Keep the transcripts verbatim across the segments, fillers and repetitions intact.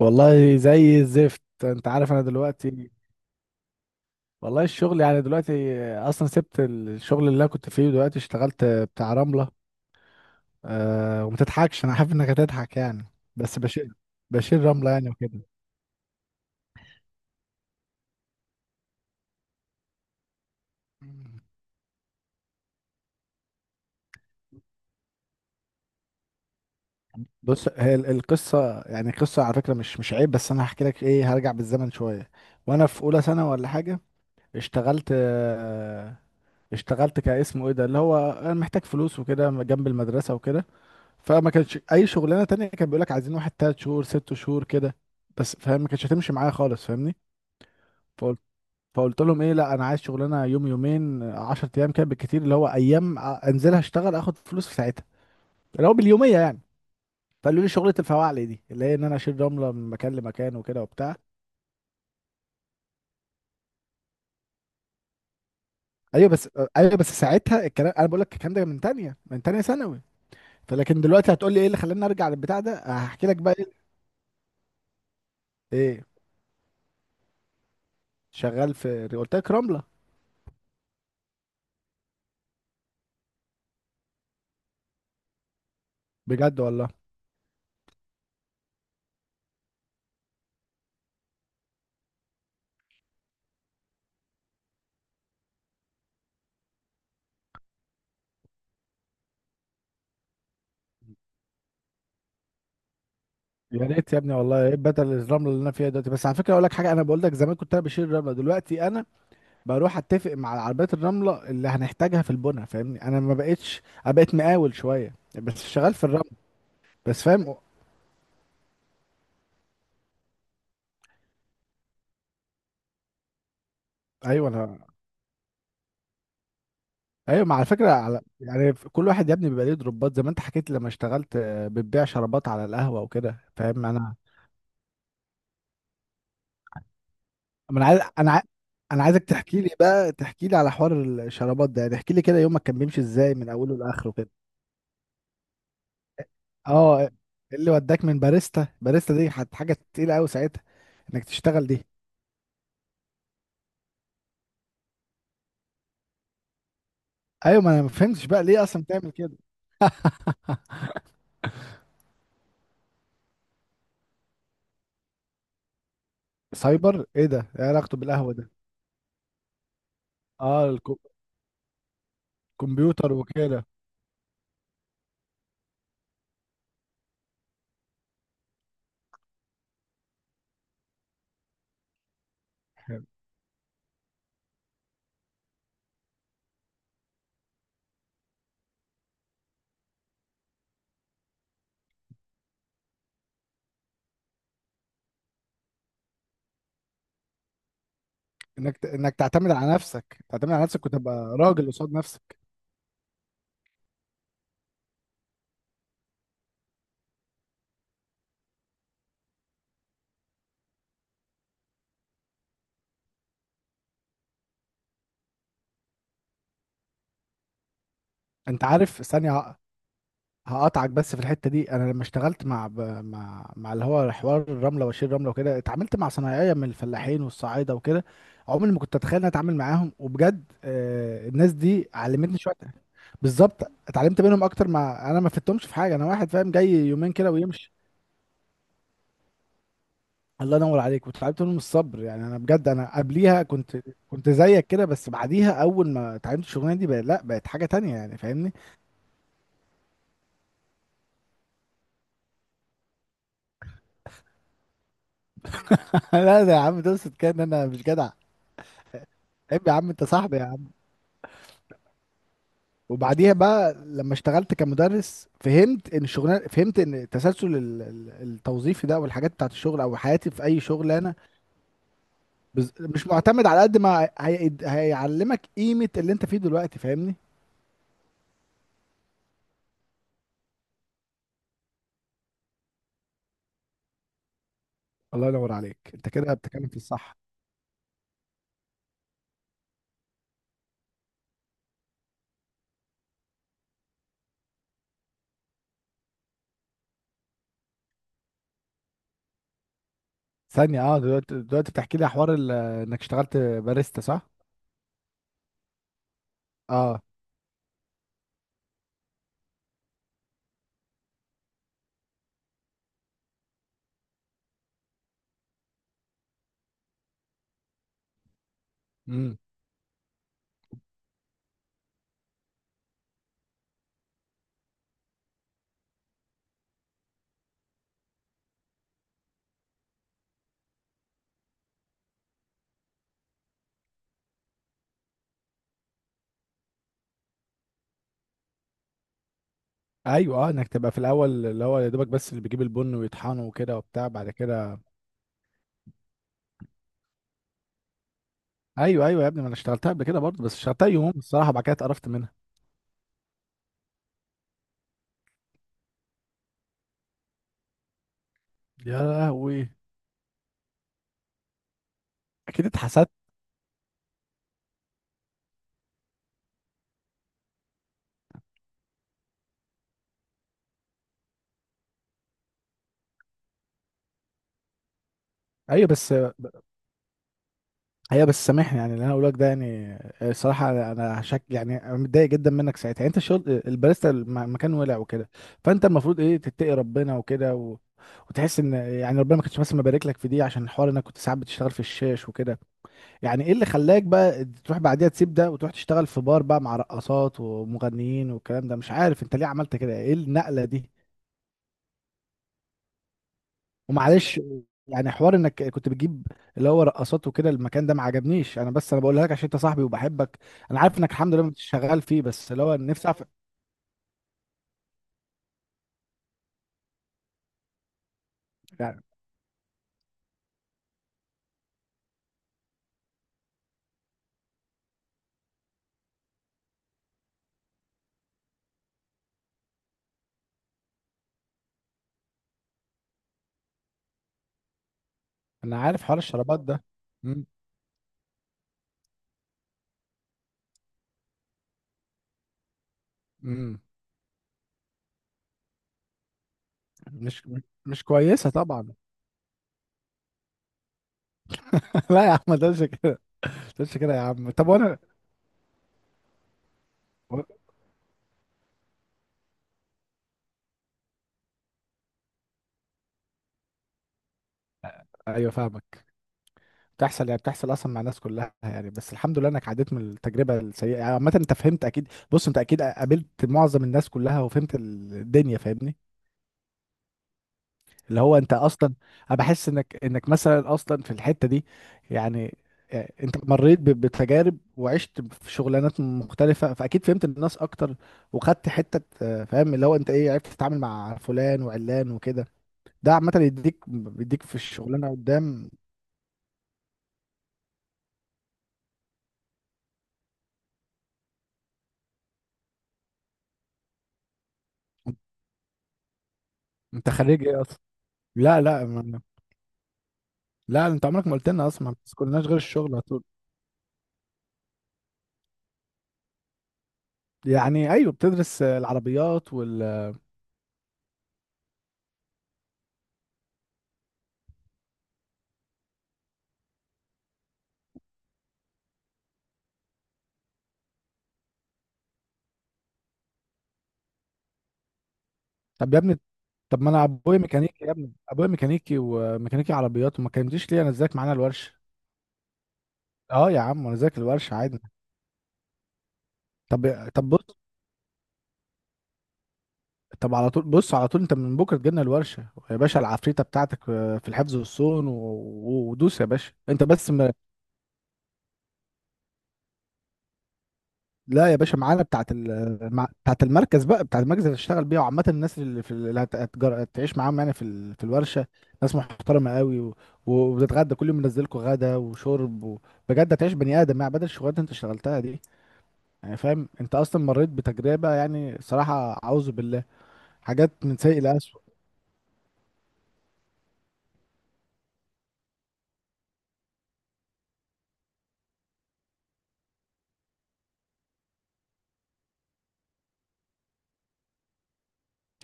والله زي الزفت. انت عارف انا دلوقتي والله الشغل يعني دلوقتي اصلا سبت الشغل اللي انا كنت فيه، دلوقتي اشتغلت بتاع رملة. أه وما تضحكش، انا عارف انك هتضحك يعني. بس بشيل بشيل رملة يعني وكده. بص، هي ال- القصة يعني قصة على فكرة، مش مش عيب، بس انا هحكي لك ايه. هرجع بالزمن شوية وانا في اولى سنة ولا حاجة. اشتغلت أه اشتغلت كاسمه ايه ده، اللي هو انا محتاج فلوس وكده جنب المدرسة وكده. فما كانش اي شغلانه تانية، كان بيقول لك عايزين واحد تلات شهور ست شهور كده، بس فاهم، ما كانتش هتمشي معايا خالص، فاهمني. فقلت فقلت لهم ايه، لا انا عايز شغلانه يوم يومين 10 ايام كده بالكتير، اللي هو ايام أ- انزل اشتغل اخد فلوس في ساعتها، اللي هو باليوميه يعني. فقالوا لي شغله الفواعلي دي، اللي هي ان انا اشيل رمله من مكان لمكان وكده وبتاع. ايوه بس ايوه بس ساعتها الكلام، انا بقول لك الكلام ده من تانية من تانية ثانوي. فلكن دلوقتي هتقول لي ايه اللي خلاني ارجع للبتاع ده، هحكي لك بقى ايه. إيه، شغال في، قلت لك رمله. بجد والله. يا ريت يا ابني والله، ايه بدل الرمله اللي انا فيها دلوقتي. بس على فكره اقول لك حاجه، انا بقول لك زمان كنت انا بشيل الرمله، دلوقتي انا بروح اتفق مع عربيات الرمله اللي هنحتاجها في البنا، فاهمني. انا ما بقتش، انا بقيت مقاول شويه، بس شغال في الرمل. بس فاهم. ايوه انا. ايوه مع فكره، على يعني كل واحد يا ابني بيبقى ليه دروبات، زي ما انت حكيت لما اشتغلت آه، بتبيع شرابات على القهوه وكده، فاهم انا. ما انا عايز انا عايز انا عايزك تحكي لي بقى تحكي لي على حوار الشرابات ده يعني. احكي لي كده، يومك كان بيمشي ازاي من اوله لاخره كده. اه، اللي وداك من باريستا، باريستا دي حت- حاجه تقيله قوي ساعتها، انك تشتغل دي. ايوه، ما انا ما فهمتش بقى ليه اصلا بتعمل كده. سايبر ايه ده، ايه علاقته بالقهوه ده. اه، الكو- الكمبيوتر وكده. انك ت- انك تعتمد على نفسك تعتمد على نفسك وتبقى راجل قصاد نفسك. انت عارف، ثانيه، هقطعك بس في الحته دي. انا لما اشتغلت مع ب... مع مع اللي هو حوار الرمله وشيل الرمله وكده، اتعاملت مع صنايعيه من الفلاحين والصعايده وكده. عمري ما كنت اتخيل اني اتعامل معاهم، وبجد آه الناس دي علمتني شويه. بالظبط، اتعلمت منهم اكتر ما انا ما فدتهمش في حاجه. انا واحد فاهم جاي يومين كده ويمشي. الله ينور عليك، واتعلمت منهم الصبر يعني. انا بجد انا قبليها كنت كنت زيك كده، بس بعديها اول ما اتعلمت الشغلانه دي بقى لا، بقت حاجه تانية يعني، فاهمني. لا ده يا عم، تقصد كده ان انا مش جدع؟ عيب يا عم، انت صاحبي. وبعديها بقى لما اشتغلت كمدرس فهمت ان الشغلانه فهمت ان التسلسل ال- ال- التوظيفي ده والحاجات بتاعت الشغل، او حياتي في اي شغل، انا بز... مش معتمد على قد ما هي... هيعلمك قيمه اللي انت فيه دلوقتي، فاهمني. الله ينور عليك، انت كده بتتكلم في الصح. ثانيه، اه دلوقتي دلوقتي بتحكي لي حوار ال... انك اشتغلت باريستا، صح؟ اه. امم. ايوه، اه انك تبقى في الاول، اللي هو يا دوبك، بس اللي بيجيب البن ويطحنه وكده وبتاع بعد كده. ايوه ايوه يا ابني، ما انا اشتغلتها قبل كده برضه، بس اشتغلتها يوم، الصراحه بعد كده اتقرفت منها. يا لهوي. اكيد اتحسدت. ايوه بس ايوه بس سامحني، يعني اللي انا اقوله لك ده يعني الصراحه، انا أنا شك يعني، انا متضايق جدا منك ساعتها يعني. انت الشغل الباريستا، الم- المكان ولع وكده، فانت المفروض ايه، تتقي ربنا وكده، و... وتحس ان يعني ربنا ما كانش بس مبارك لك في دي عشان الحوار انك كنت ساعات بتشتغل في الشاش وكده. يعني ايه اللي خلاك بقى تروح بعديها تسيب ده وتروح تشتغل في بار بقى، مع رقصات ومغنيين والكلام ده، مش عارف انت ليه عملت كده، ايه النقله دي؟ ومعلش، يعني حوار انك كنت بتجيب اللي هو رقصات وكده، المكان ده ما عجبنيش انا، بس انا بقولها لك عشان انت صاحبي وبحبك. انا عارف انك الحمد لله مش شغال فيه، بس اللي هو نفسي اعرف، يعني. انا عارف حوار الشرابات ده. مم. مم. مش مش كويسه طبعا. لا يا عم، ما تقولش كده، ما تقولش كده يا عم، طب وانا. و- ايوه فاهمك، بتحصل يعني، بتحصل اصلا مع الناس كلها يعني، بس الحمد لله انك عديت من التجربه السيئه يعني. عامه انت فهمت اكيد، بص، انت اكيد قابلت معظم الناس كلها وفهمت الدنيا، فاهمني. اللي هو انت اصلا، انا بحس انك انك مثلا اصلا في الحته دي يعني. يعني انت مريت ب- بتجارب وعشت في شغلانات مختلفه، فاكيد فهمت الناس اكتر، وخدت حته آه، فاهم اللي هو انت ايه، عرفت تتعامل مع فلان وعلان وكده. ده عامه يديك بيديك في الشغلانه قدام. انت خريج ايه اصلا؟ لا لا. ما... لا، انت عمرك ما قلت لنا اصلا، ما بتسكنناش غير الشغل على طول. يعني ايوه، بتدرس آه، العربيات. وال طب يا ابني، طب ما انا ابويا ميكانيكي يا ابني، ابويا ميكانيكي وميكانيكي عربيات، وما كلمتنيش ليه انزلك معانا الورشه؟ اه يا عم، انا ذاك الورشه عادي. طب طب بص، طب على طول، بص على طول، انت من بكره تجيلنا الورشه يا باشا. العفريته بتاعتك في الحفظ والصون، و- و- ودوس يا باشا انت بس. لا يا باشا، معانا بتاعت ال... مع- بتاعت المركز بقى بتاعت المركز اللي هتشتغل بيها، وعامة الناس اللي في ال- اللي هت- هتجر... هتعيش معاهم يعني في ال... في الورشة. ناس محترمة قوي، و... وبتتغدى كل يوم، منزلكوا غدا وشرب. و... بجد هتعيش بني آدم يعني، بدل الشغلات اللي انت اشتغلتها دي. يعني فاهم، انت اصلا مريت بتجربة، يعني صراحة اعوذ بالله، حاجات من سيء لأسوأ.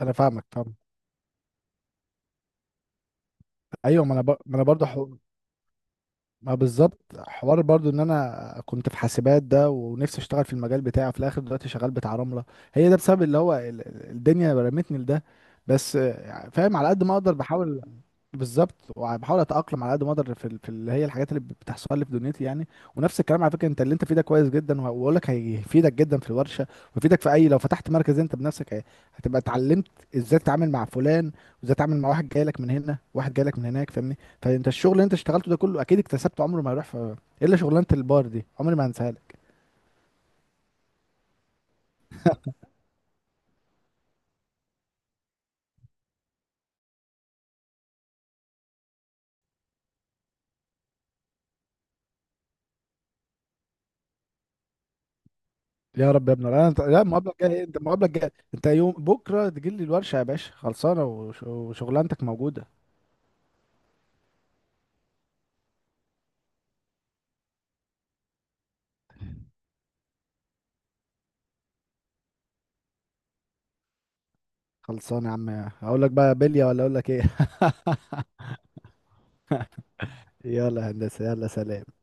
انا فاهمك، فاهم. ايوه ما انا ب... ما انا برضه. ح... ما بالظبط، حوار برضو ان انا كنت في حاسبات ده، ونفسي اشتغل في المجال بتاعي، في الاخر دلوقتي شغال بتاع رملة. هي ده بسبب اللي هو ال- ال- الدنيا رمتني لده، بس آه، فاهم على قد ما اقدر بحاول. بالظبط، وبحاول اتاقلم على قد ما اقدر في ال- في اللي هي الحاجات اللي بتحصل لي في دنيتي يعني. ونفس الكلام على فكره، انت اللي انت فيه ده كويس جدا، وهقول لك هيفيدك جدا في الورشه، ويفيدك في اي، لو فتحت مركز انت بنفسك، هي- هتبقى اتعلمت ازاي تتعامل مع فلان، وازاي تتعامل مع واحد جاي لك من هنا، واحد جاي لك من هناك، فاهمني. فانت الشغل اللي انت اشتغلته ده كله اكيد اكتسبته، عمره ما يروح في إيه الا شغلانه البار دي، عمري ما هنساها لك. يا رب يا ابني، انا لا، المقابله الجايه انت، المقابله الجايه انت يوم بكره تجي لي الورشه يا باشا، خلصانه، وش- وشغلانتك موجوده. خلصان يا عم. اقول لك بقى بلية ولا اقول لك ايه؟ يلا يا هندسة، يلا سلام.